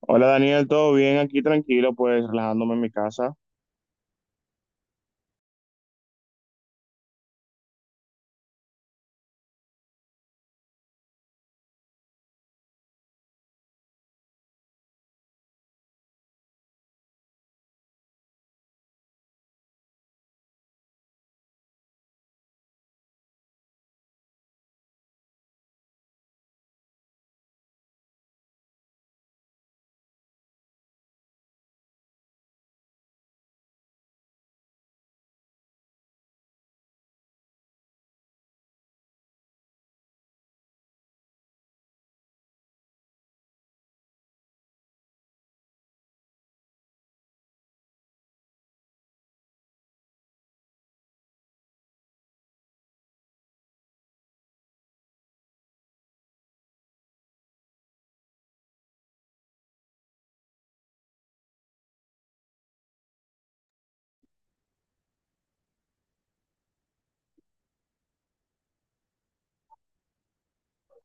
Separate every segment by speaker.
Speaker 1: Hola Daniel, ¿todo bien? Aquí tranquilo, pues relajándome en mi casa.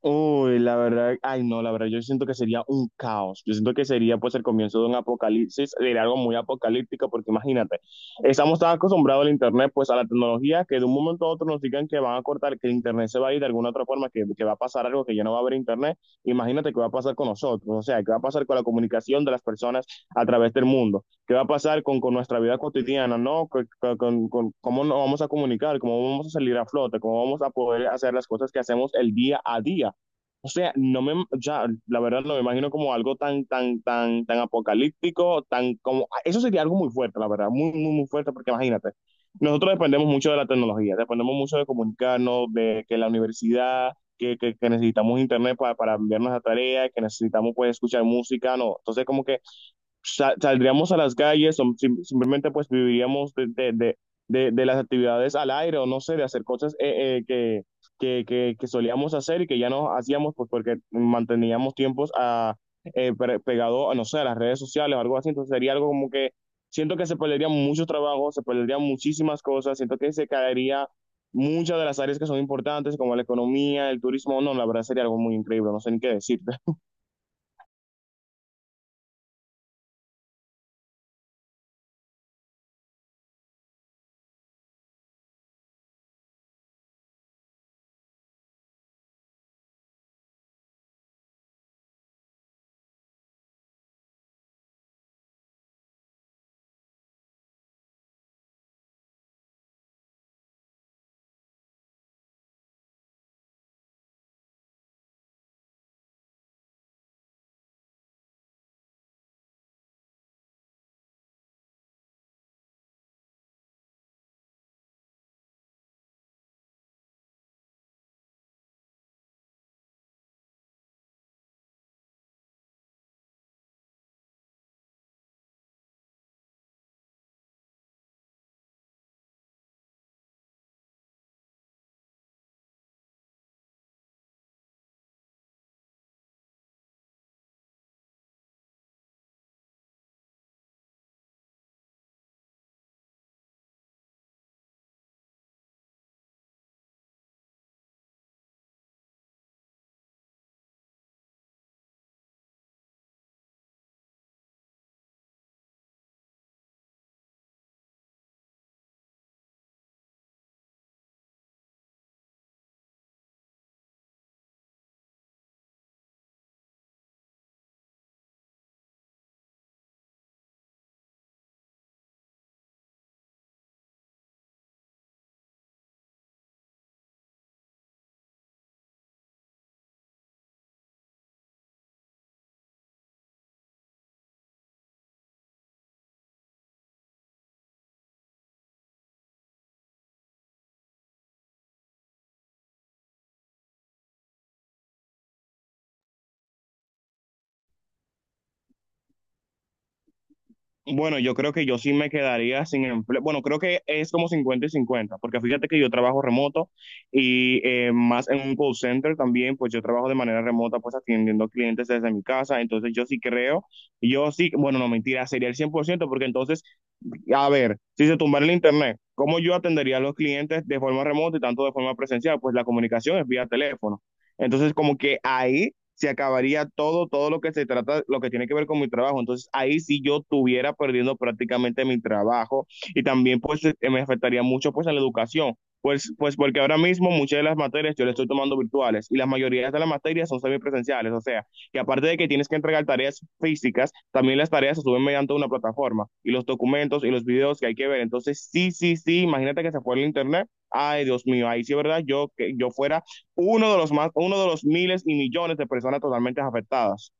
Speaker 1: Uy, la verdad, ay no, la verdad, yo siento que sería un caos. Yo siento que sería pues el comienzo de un apocalipsis, sería algo muy apocalíptico, porque imagínate, estamos tan acostumbrados al internet, pues a la tecnología, que de un momento a otro nos digan que van a cortar, que el internet se va a ir de alguna otra forma, que va a pasar algo, que ya no va a haber internet. Imagínate qué va a pasar con nosotros, o sea, qué va a pasar con la comunicación de las personas a través del mundo, qué va a pasar con, nuestra vida cotidiana, ¿no? Con cómo nos vamos a comunicar, cómo vamos a salir a flote, cómo vamos a poder hacer las cosas que hacemos el día a día. O sea, no me, o sea, la verdad no me imagino como algo tan apocalíptico, tan como, eso sería algo muy fuerte, la verdad, muy, muy, muy fuerte, porque imagínate, nosotros dependemos mucho de la tecnología, dependemos mucho de comunicarnos, de que la universidad, que necesitamos internet para enviar nuestra tarea, que necesitamos pues escuchar música, no, entonces como que saldríamos a las calles o simplemente pues viviríamos de las actividades al aire o no sé, de hacer cosas que solíamos hacer y que ya no hacíamos pues porque manteníamos tiempos a, pegado a, no sé, a las redes sociales o algo así. Entonces sería algo como que siento que se perderían muchos trabajos, se perderían muchísimas cosas, siento que se caería muchas de las áreas que son importantes como la economía, el turismo. No, la verdad sería algo muy increíble, no sé ni qué decirte. Bueno, yo creo que yo sí me quedaría sin empleo. Bueno, creo que es como 50 y 50 porque fíjate que yo trabajo remoto y más en un call center también, pues yo trabajo de manera remota, pues atendiendo clientes desde mi casa. Entonces yo sí creo, yo sí, bueno, no mentira, sería el 100% porque entonces a ver, si se tumbara el internet, ¿cómo yo atendería a los clientes de forma remota y tanto de forma presencial? Pues la comunicación es vía teléfono. Entonces, como que ahí se acabaría todo, todo lo que se trata, lo que tiene que ver con mi trabajo. Entonces, ahí sí yo estuviera perdiendo prácticamente mi trabajo y también pues me afectaría mucho pues en la educación. Pues porque ahora mismo muchas de las materias yo las estoy tomando virtuales y las mayorías de las materias son semipresenciales, o sea, que aparte de que tienes que entregar tareas físicas, también las tareas se suben mediante una plataforma y los documentos y los videos que hay que ver. Entonces, sí, sí, sí, imagínate que se fue el internet. Ay, Dios mío, ahí sí, ¿verdad? Yo que yo fuera uno de los más, uno de los miles y millones de personas totalmente afectadas.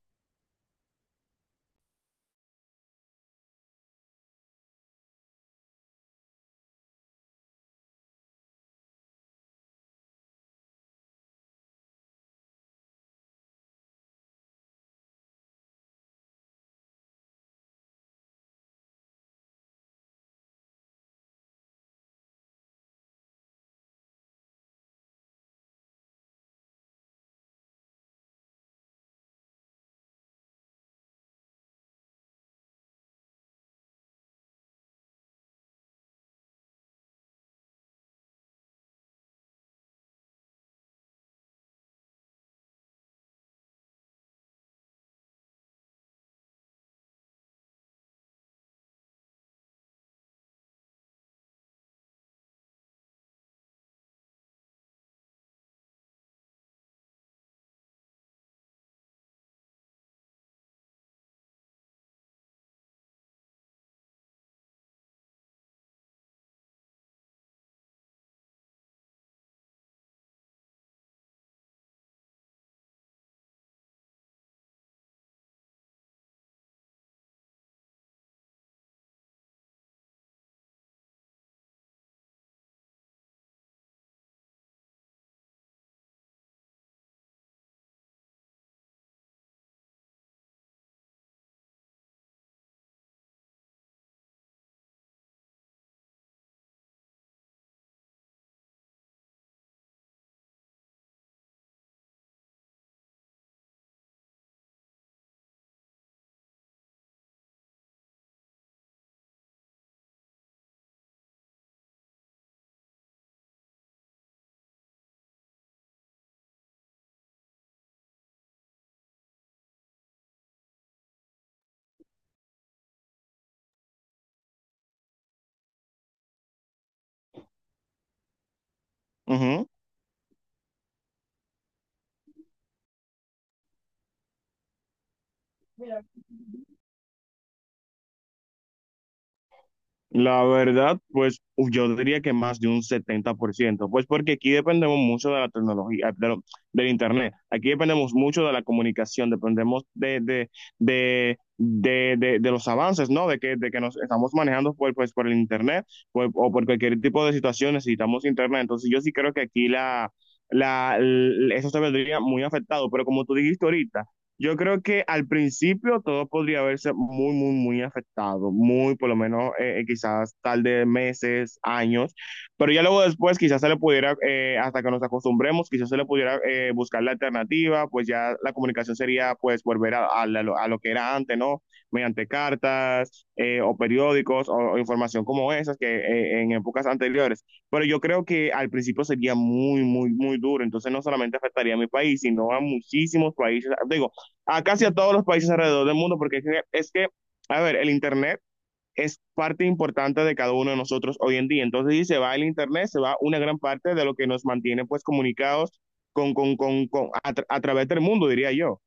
Speaker 1: Ujú. La verdad, pues uf, yo diría que más de un 70% pues porque aquí dependemos mucho de la tecnología, del internet, aquí dependemos mucho de la comunicación, dependemos de los avances, ¿no? De que nos estamos manejando por, pues, por el internet pues, o por cualquier tipo de situación necesitamos internet, entonces yo sí creo que aquí eso se vendría muy afectado, pero como tú dijiste ahorita, yo creo que al principio todo podría verse muy, muy, muy afectado, por lo menos quizás tal de meses, años, pero ya luego después quizás se le pudiera, hasta que nos acostumbremos, quizás se le pudiera buscar la alternativa, pues ya la comunicación sería pues volver a lo que era antes, ¿no? Mediante cartas o periódicos o información como esas que en épocas anteriores. Pero yo creo que al principio sería muy, muy, muy duro, entonces no solamente afectaría a mi país, sino a muchísimos países, digo, a casi a todos los países alrededor del mundo, porque es que, a ver, el internet es parte importante de cada uno de nosotros hoy en día. Entonces, si se va el internet, se va una gran parte de lo que nos mantiene pues comunicados a través del mundo, diría yo.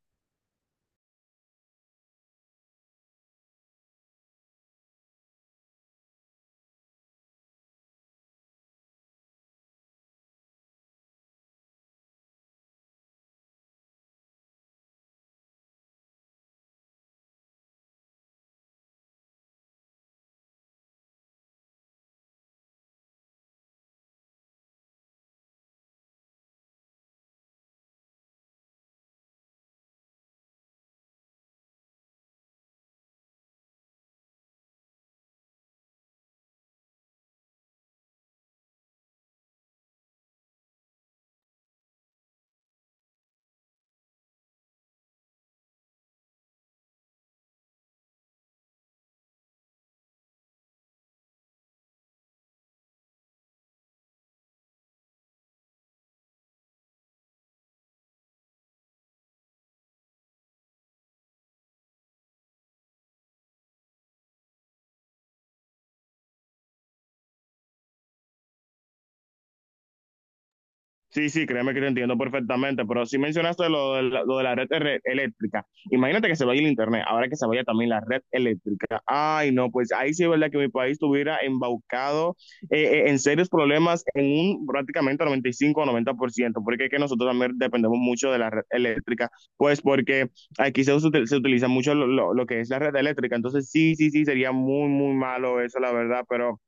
Speaker 1: Sí, sí, créeme que te entiendo perfectamente, pero si mencionaste lo de la red eléctrica, imagínate que se vaya el internet, ahora que se vaya también la red eléctrica. Ay, no, pues ahí sí es verdad que mi país estuviera embaucado en serios problemas en un prácticamente 95 o 90%, porque es que nosotros también dependemos mucho de la red eléctrica, pues porque aquí se utiliza mucho lo que es la red eléctrica, entonces sí, sí, sí, sería muy, muy malo eso, la verdad, pero...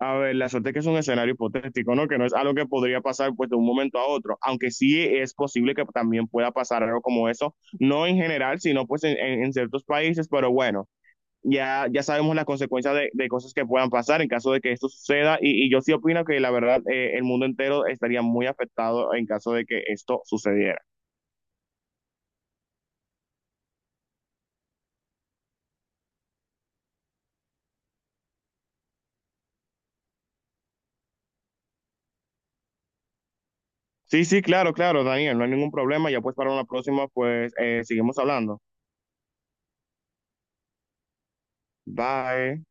Speaker 1: A ver, la suerte es que es un escenario hipotético, ¿no? Que no es algo que podría pasar pues de un momento a otro, aunque sí es posible que también pueda pasar algo como eso, no en general, sino pues en, en ciertos países, pero bueno, ya sabemos las consecuencias de cosas que puedan pasar en caso de que esto suceda y yo sí opino que la verdad el mundo entero estaría muy afectado en caso de que esto sucediera. Sí, sí, claro, claro, Daniel, no hay ningún problema, ya pues para una próxima pues seguimos hablando. Bye.